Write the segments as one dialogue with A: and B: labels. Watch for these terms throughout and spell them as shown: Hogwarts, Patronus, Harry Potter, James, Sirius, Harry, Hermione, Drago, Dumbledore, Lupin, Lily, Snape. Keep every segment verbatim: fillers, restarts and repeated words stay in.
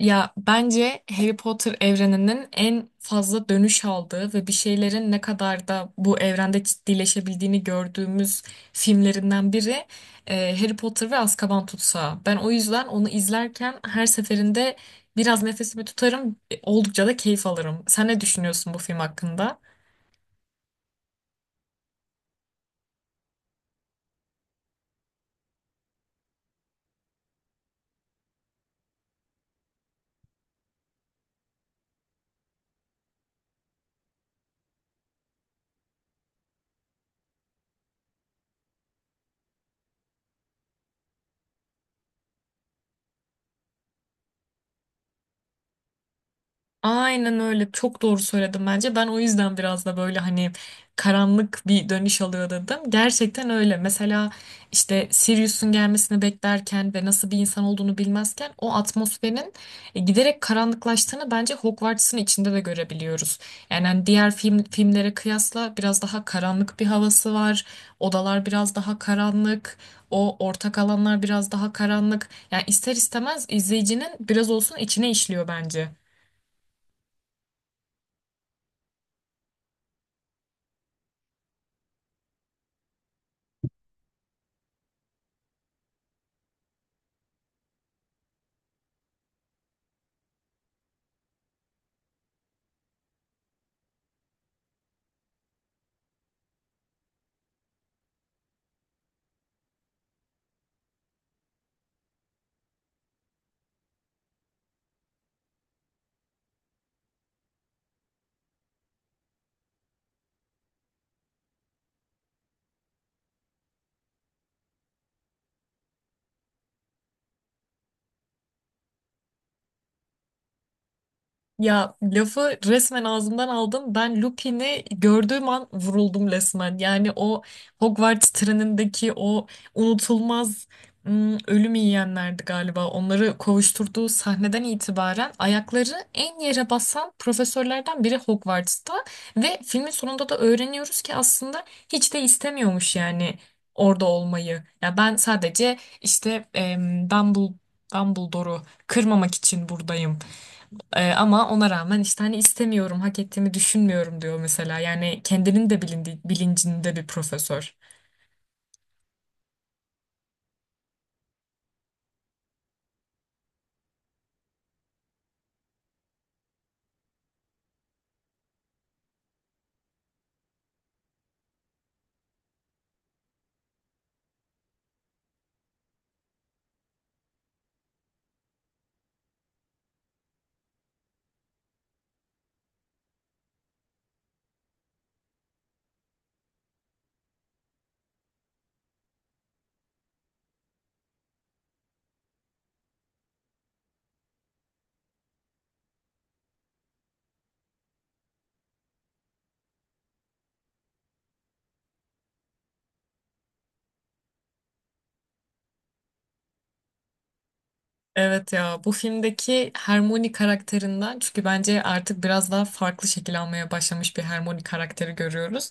A: Ya bence Harry Potter evreninin en fazla dönüş aldığı ve bir şeylerin ne kadar da bu evrende ciddileşebildiğini gördüğümüz filmlerinden biri e, Harry Potter ve Azkaban Tutsağı. Ben o yüzden onu izlerken her seferinde biraz nefesimi tutarım, e, oldukça da keyif alırım. Sen ne düşünüyorsun bu film hakkında? Aynen öyle. Çok doğru söyledim bence. Ben o yüzden biraz da böyle hani karanlık bir dönüş alıyor dedim. Gerçekten öyle. Mesela işte Sirius'un gelmesini beklerken ve nasıl bir insan olduğunu bilmezken o atmosferin e, giderek karanlıklaştığını bence Hogwarts'ın içinde de görebiliyoruz. Yani hani diğer film filmlere kıyasla biraz daha karanlık bir havası var. Odalar biraz daha karanlık. O ortak alanlar biraz daha karanlık. Yani ister istemez izleyicinin biraz olsun içine işliyor bence. Ya lafı resmen ağzımdan aldım. Ben Lupin'i gördüğüm an vuruldum resmen. Yani o Hogwarts trenindeki o unutulmaz ım, ölüm yiyenlerdi galiba. Onları kovuşturduğu sahneden itibaren ayakları en yere basan profesörlerden biri Hogwarts'ta. Ve filmin sonunda da öğreniyoruz ki aslında hiç de istemiyormuş yani orada olmayı. Ya ben sadece işte em, Dumble- Dumbledore'u kırmamak için buradayım, ee, ama ona rağmen işte hani istemiyorum, hak ettiğimi düşünmüyorum diyor mesela. Yani kendinin de bilindi, bilincinde bir profesör. Evet ya bu filmdeki Hermione karakterinden, çünkü bence artık biraz daha farklı şekil almaya başlamış bir Hermione karakteri görüyoruz.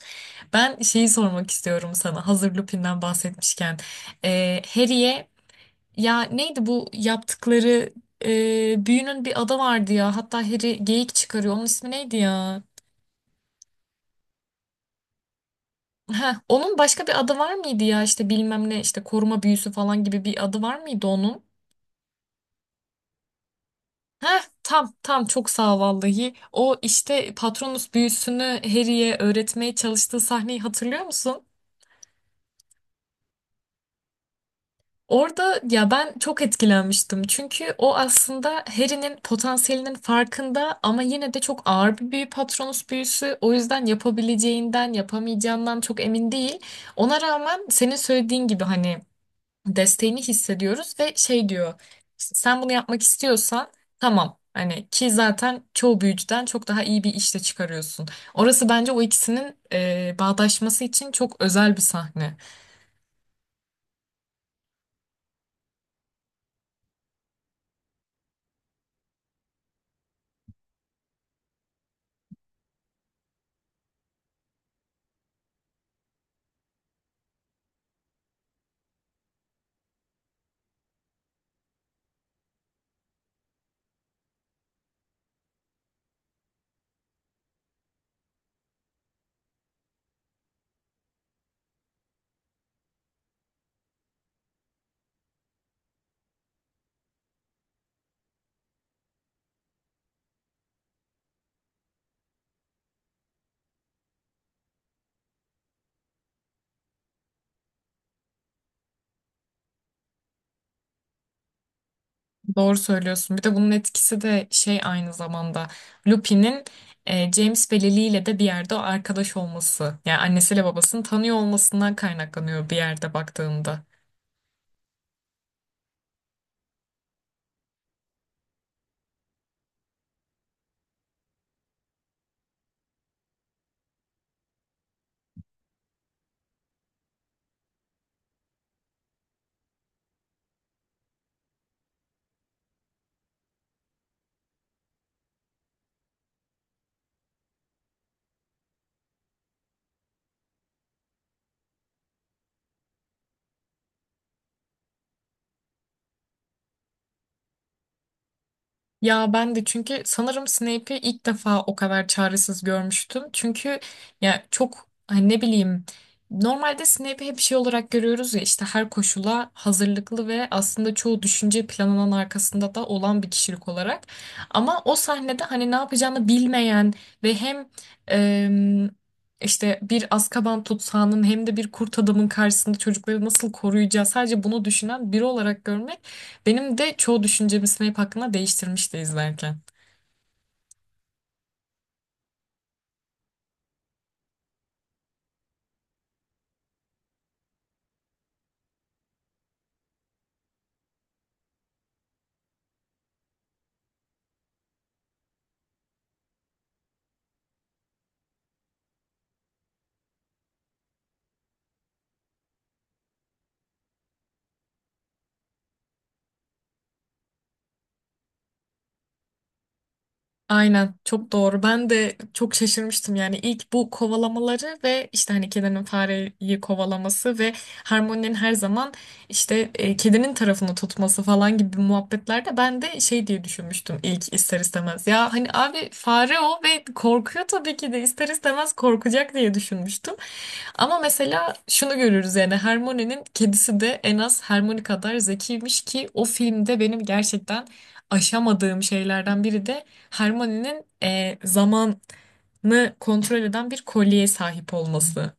A: Ben şeyi sormak istiyorum sana, hazır Lupin'den bahsetmişken. Ee, Harry'e ya neydi bu yaptıkları, e, büyünün bir adı vardı ya, hatta Harry geyik çıkarıyor, onun ismi neydi ya? Heh, onun başka bir adı var mıydı ya, işte bilmem ne, işte koruma büyüsü falan gibi bir adı var mıydı onun? Heh, tam tam, çok sağ ol vallahi. O işte Patronus büyüsünü Harry'e öğretmeye çalıştığı sahneyi hatırlıyor musun? Orada ya ben çok etkilenmiştim. Çünkü o aslında Harry'nin potansiyelinin farkında, ama yine de çok ağır bir büyü Patronus büyüsü. O yüzden yapabileceğinden, yapamayacağından çok emin değil. Ona rağmen senin söylediğin gibi hani desteğini hissediyoruz ve şey diyor, işte sen bunu yapmak istiyorsan tamam hani, ki zaten çoğu büyücüden çok daha iyi bir işte çıkarıyorsun. Orası bence o ikisinin e, bağdaşması için çok özel bir sahne. Doğru söylüyorsun. Bir de bunun etkisi de şey, aynı zamanda Lupin'in e, James ve Lily ile de bir yerde o arkadaş olması, yani annesiyle babasını tanıyor olmasından kaynaklanıyor bir yerde baktığında. Ya ben de, çünkü sanırım Snape'i ilk defa o kadar çaresiz görmüştüm. Çünkü ya çok hani ne bileyim, normalde Snape'i hep şey olarak görüyoruz ya, işte her koşula hazırlıklı ve aslında çoğu düşünce planının arkasında da olan bir kişilik olarak. Ama o sahnede hani ne yapacağını bilmeyen ve hem em, işte bir Azkaban tutsağının hem de bir kurt adamın karşısında çocukları nasıl koruyacağı, sadece bunu düşünen biri olarak görmek benim de çoğu düşüncemi Snape hakkında değiştirmişti izlerken. Aynen, çok doğru. Ben de çok şaşırmıştım, yani ilk bu kovalamaları ve işte hani kedinin fareyi kovalaması ve Harmony'nin her zaman işte e, kedinin tarafını tutması falan gibi muhabbetlerde ben de şey diye düşünmüştüm ilk, ister istemez. Ya hani abi fare o ve korkuyor, tabii ki de ister istemez korkacak diye düşünmüştüm. Ama mesela şunu görürüz, yani Hermione'nin kedisi de en az Hermione kadar zekiymiş, ki o filmde benim gerçekten aşamadığım şeylerden biri de Hermione'nin e, zamanı kontrol eden bir kolyeye sahip olması.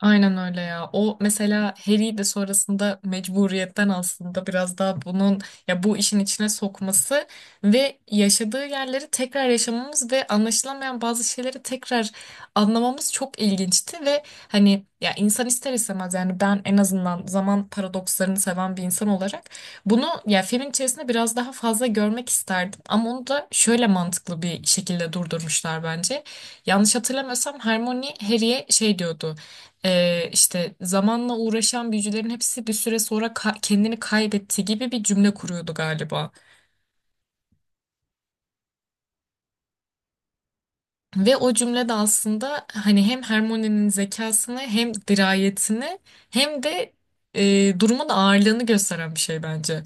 A: Aynen öyle ya. O mesela Harry de sonrasında mecburiyetten aslında biraz daha bunun, ya bu işin içine sokması ve yaşadığı yerleri tekrar yaşamamız ve anlaşılamayan bazı şeyleri tekrar anlamamız çok ilginçti ve hani ya, insan ister istemez, yani ben en azından zaman paradokslarını seven bir insan olarak bunu ya filmin içerisinde biraz daha fazla görmek isterdim, ama onu da şöyle mantıklı bir şekilde durdurmuşlar bence. Yanlış hatırlamıyorsam Hermione Harry'e şey diyordu, e, işte zamanla uğraşan büyücülerin hepsi bir süre sonra ka- kendini kaybetti gibi bir cümle kuruyordu galiba. Ve o cümle de aslında hani hem Hermione'nin zekasını, hem dirayetini, hem de e, durumun ağırlığını gösteren bir şey bence.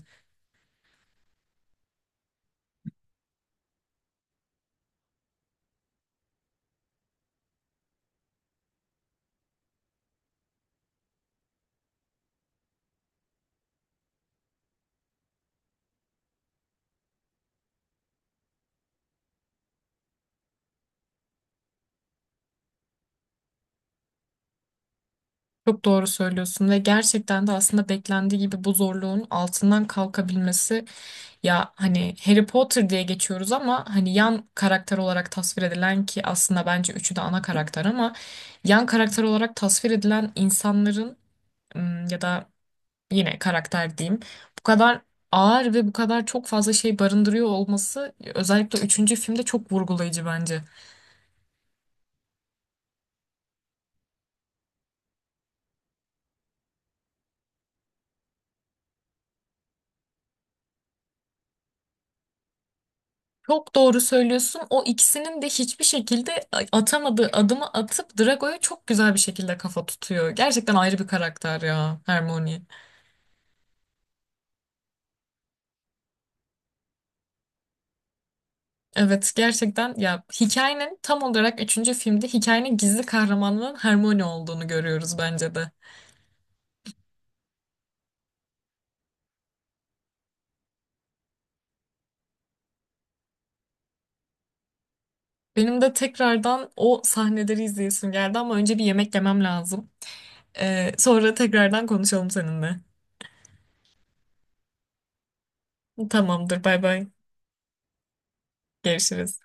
A: Çok doğru söylüyorsun ve gerçekten de aslında beklendiği gibi bu zorluğun altından kalkabilmesi, ya hani Harry Potter diye geçiyoruz ama hani yan karakter olarak tasvir edilen, ki aslında bence üçü de ana karakter, ama yan karakter olarak tasvir edilen insanların, ım, ya da yine karakter diyeyim, bu kadar ağır ve bu kadar çok fazla şey barındırıyor olması özellikle üçüncü filmde çok vurgulayıcı bence. Çok doğru söylüyorsun. O ikisinin de hiçbir şekilde atamadığı adımı atıp Drago'ya çok güzel bir şekilde kafa tutuyor. Gerçekten ayrı bir karakter ya Hermione. Evet, gerçekten ya, hikayenin tam olarak üçüncü filmde hikayenin gizli kahramanının Hermione olduğunu görüyoruz bence de. Benim de tekrardan o sahneleri izleyesim geldi, ama önce bir yemek yemem lazım. Ee, sonra tekrardan konuşalım seninle. Tamamdır, bay bay. Görüşürüz.